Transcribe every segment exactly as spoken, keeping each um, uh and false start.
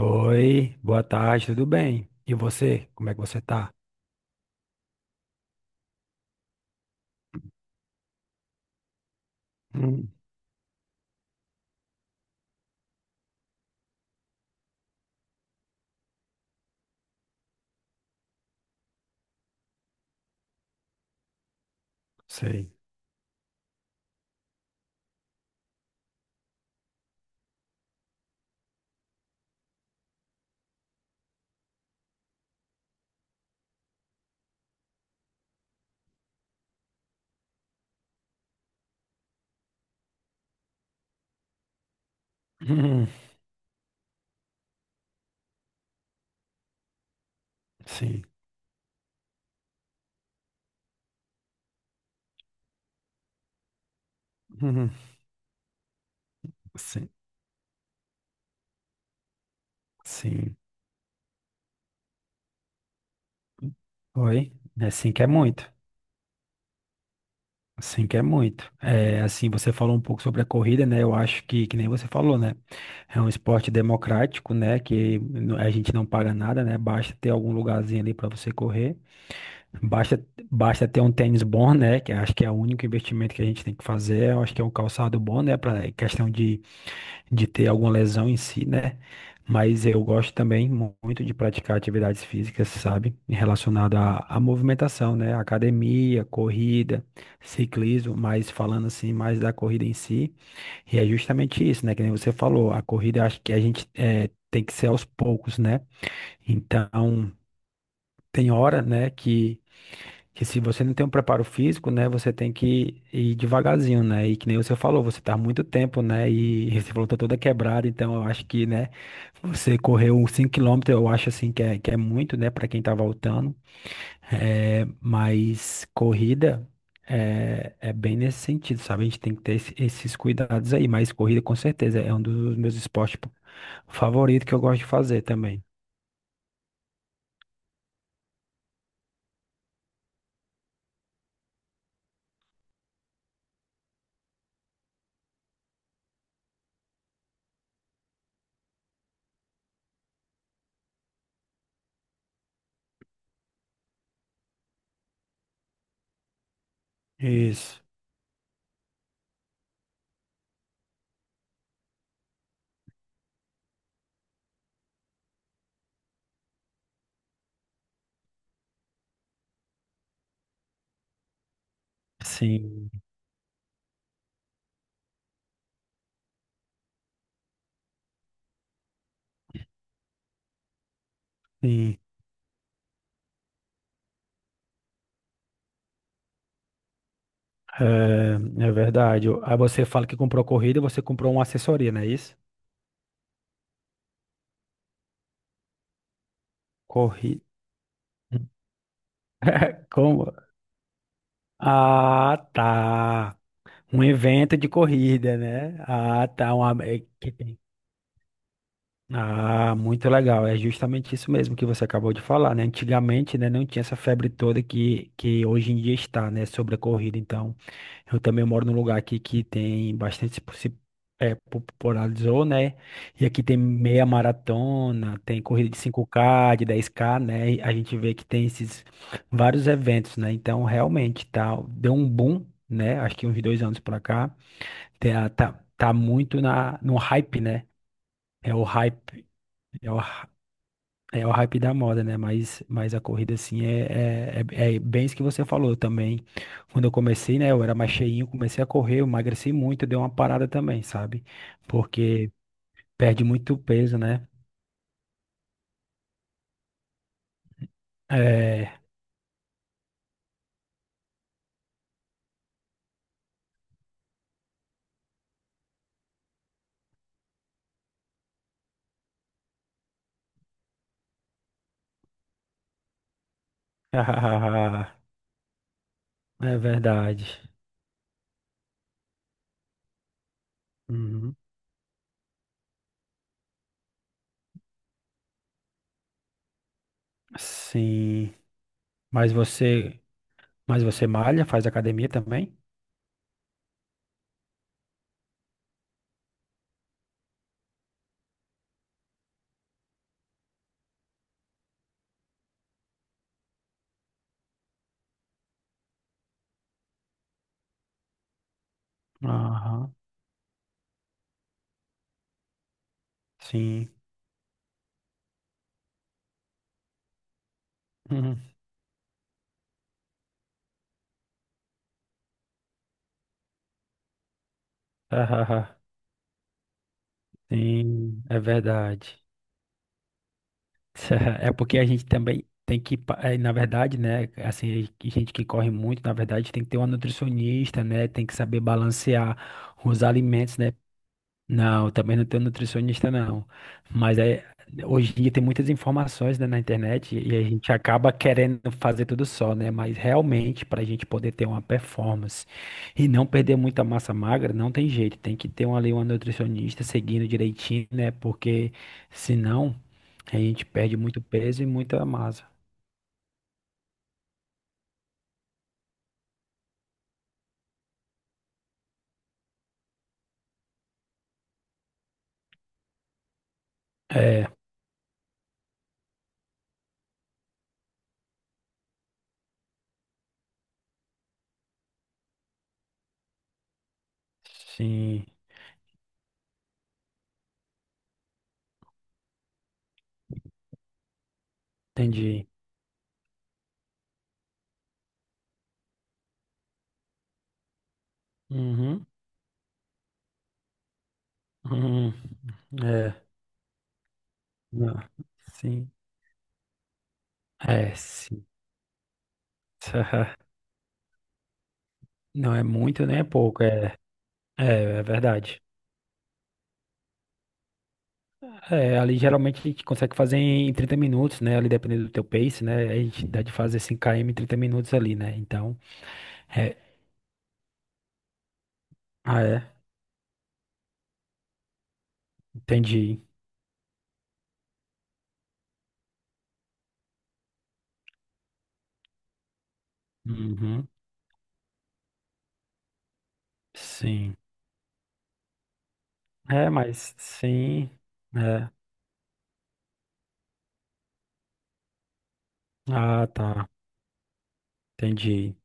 Oi, boa tarde, tudo bem? E você, como é que você tá? Hum, sei. Hum, sim. Hum, sim, sim. Oi. É assim que é muito. Assim que é muito. É, assim, você falou um pouco sobre a corrida, né? Eu acho que, que nem você falou, né? É um esporte democrático, né? Que n- a gente não paga nada, né? Basta ter algum lugarzinho ali para você correr. Basta, basta ter um tênis bom, né? Que acho que é o único investimento que a gente tem que fazer. Eu acho que é um calçado bom, né? Para questão de de ter alguma lesão em si, né? Mas eu gosto também mu- muito de praticar atividades físicas, sabe? Relacionada à, à movimentação, né? Academia, corrida, ciclismo, mas falando assim mais da corrida em si. E é justamente isso, né? Que nem você falou, a corrida acho que a gente eh, tem que ser aos poucos, né? Então, tem hora, né, que que se você não tem um preparo físico, né, você tem que ir devagarzinho, né? E que nem você falou, você tá há muito tempo, né? E você falou, tá toda quebrada, então eu acho que, né, você correu uns cinco quilômetros, eu acho assim que é, que é muito, né, para quem tá voltando. É, mas corrida é, é bem nesse sentido, sabe? A gente tem que ter esse- esses cuidados aí, mas corrida com certeza é um dos meus esportes favoritos que eu gosto de fazer também. Isso. Sim, sim. É, é verdade. Aí você fala que comprou corrida e você comprou uma assessoria, não é isso? Corrida. Como? Ah, tá. Um evento de corrida, né? Ah, tá. Uma... é que tem- Ah, muito legal. É justamente isso mesmo que você acabou de falar, né? Antigamente, né, não tinha essa febre toda que, que hoje em dia está, né, sobre a corrida. Então, eu também moro num lugar aqui que tem bastante se se- é, popularizou, né? E aqui tem meia maratona, tem corrida de cinco k, de dez k, né? E a gente vê que tem esses vários eventos, né? Então, realmente, tá, deu um boom, né? Acho que uns dois anos pra cá. Tá, tá, tá muito na, no hype, né? É o hype. É o, é o hype da moda, né? Mas, mas a corrida, assim, é, é, é, é bem isso que você falou também. Quando eu comecei, né? Eu era mais cheinho, comecei a correr, eu emagreci muito, deu uma parada também, sabe? Porque perde muito peso, né? É. É verdade. Uhum. Sim. Mas você, mas você malha, faz academia também? Aham. Sim. Uhum. Sim, é verdade. É porque a gente também tem que, pa- eh, na verdade, né, assim, que gente que corre muito, na verdade, tem que ter uma nutricionista, né, tem que saber balancear os alimentos, né, não, também não tenho nutricionista, não. Mas é, hoje em dia tem muitas informações, né, na internet e a gente acaba querendo fazer tudo só, né? Mas realmente, para a gente poder ter uma performance e não perder muita massa magra, não tem jeito. Tem que ter uma, ali uma nutricionista seguindo direitinho, né? Porque senão a gente perde muito peso e muita massa. É, sim, entendi. Uhum, uhum, é, não, sim, é, sim. Não é muito, nem é pouco, é, é, é verdade. É, ali geralmente a gente consegue fazer em trinta minutos, né? Ali dependendo do teu pace, né? A gente dá de fazer cinco km em trinta minutos ali, né? Então, é, ah, é, entendi. Uhum, sim. É, mas sim, é. Ah, tá, entendi.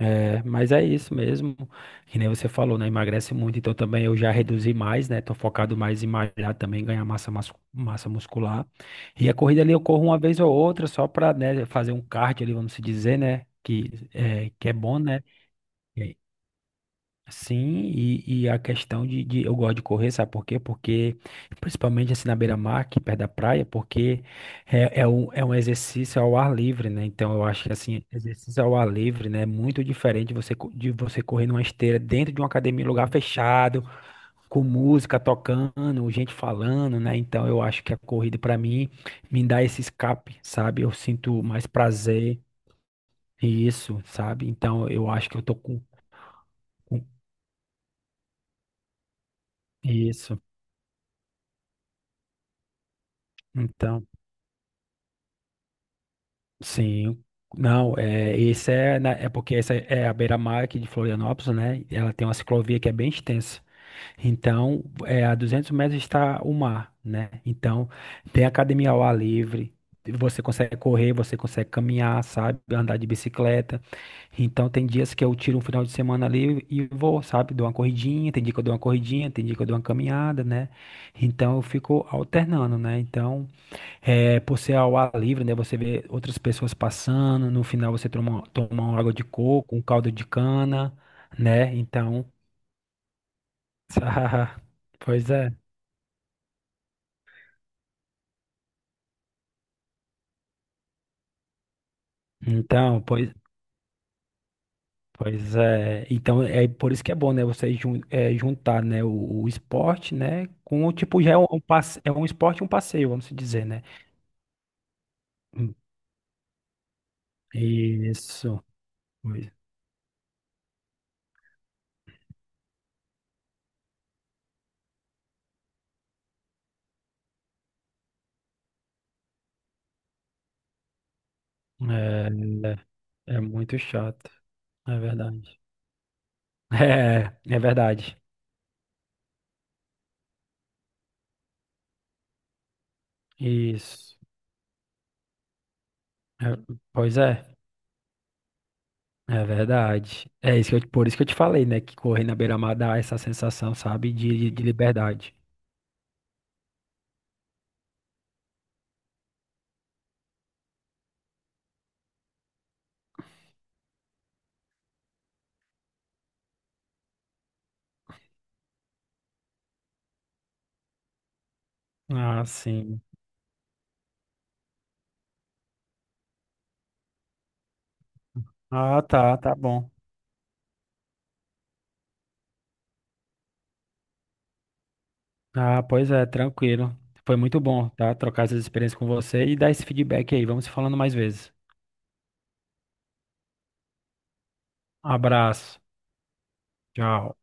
É, mas é isso mesmo, que nem você falou, né? Emagrece muito, então também eu já reduzi mais, né? Tô focado mais em malhar também, ganhar massa, mas- massa muscular. E a corrida ali eu corro uma vez ou outra, só pra, né, fazer um cardio ali, vamos se dizer, né? Que é, que é bom, né? Sim, e, e a questão de, de- eu gosto de correr, sabe por quê? Porque, principalmente assim na beira-mar, aqui perto da praia, porque é, é, um, é um exercício ao ar livre, né? Então eu acho que assim, exercício ao ar livre, né? É muito diferente você, co- de você correr numa esteira dentro de uma academia, em lugar fechado, com música tocando, gente falando, né? Então eu acho que a corrida pra mim me dá esse escape, sabe? Eu sinto mais prazer, isso, sabe? Então eu acho que eu tô com com isso. Então. Sim, não, é, esse é, na- é porque essa é a beira-mar aqui de Florianópolis, né? Ela tem uma ciclovia que é bem extensa. Então, é, a duzentos metros está o mar, né? Então, tem academia ao ar livre, você consegue correr, você consegue caminhar, sabe? Andar de bicicleta. Então, tem dias que eu tiro um final de semana ali e vou, sabe? Dou uma corridinha, tem dia que eu dou uma corridinha, tem dia que eu dou uma caminhada, né? Então, eu fico alternando, né? Então. É, por ser ao ar livre, né? Você vê outras pessoas passando, no final você toma, toma uma água de coco, um caldo de cana, né? Então, pois é. Então, pois, pois é. Então, é por isso que é bom, né? Você jun- é, juntar, né? O, o esporte, né? Com, o tipo, já é um, um passe- é um esporte e um passeio, vamos dizer, né? Hum. Isso. Pois- É, é é muito chato. É verdade. É, é verdade. Isso. É, pois é, é verdade. É isso que eu- por isso que eu te falei, né? Que correr na beira-mar dá essa sensação, sabe, de, de liberdade. Ah, sim. Ah, tá, tá bom. Ah, pois é, tranquilo. Foi muito bom, tá? Trocar essas experiências com você e dar esse feedback aí. Vamos se falando mais vezes. Abraço. Tchau.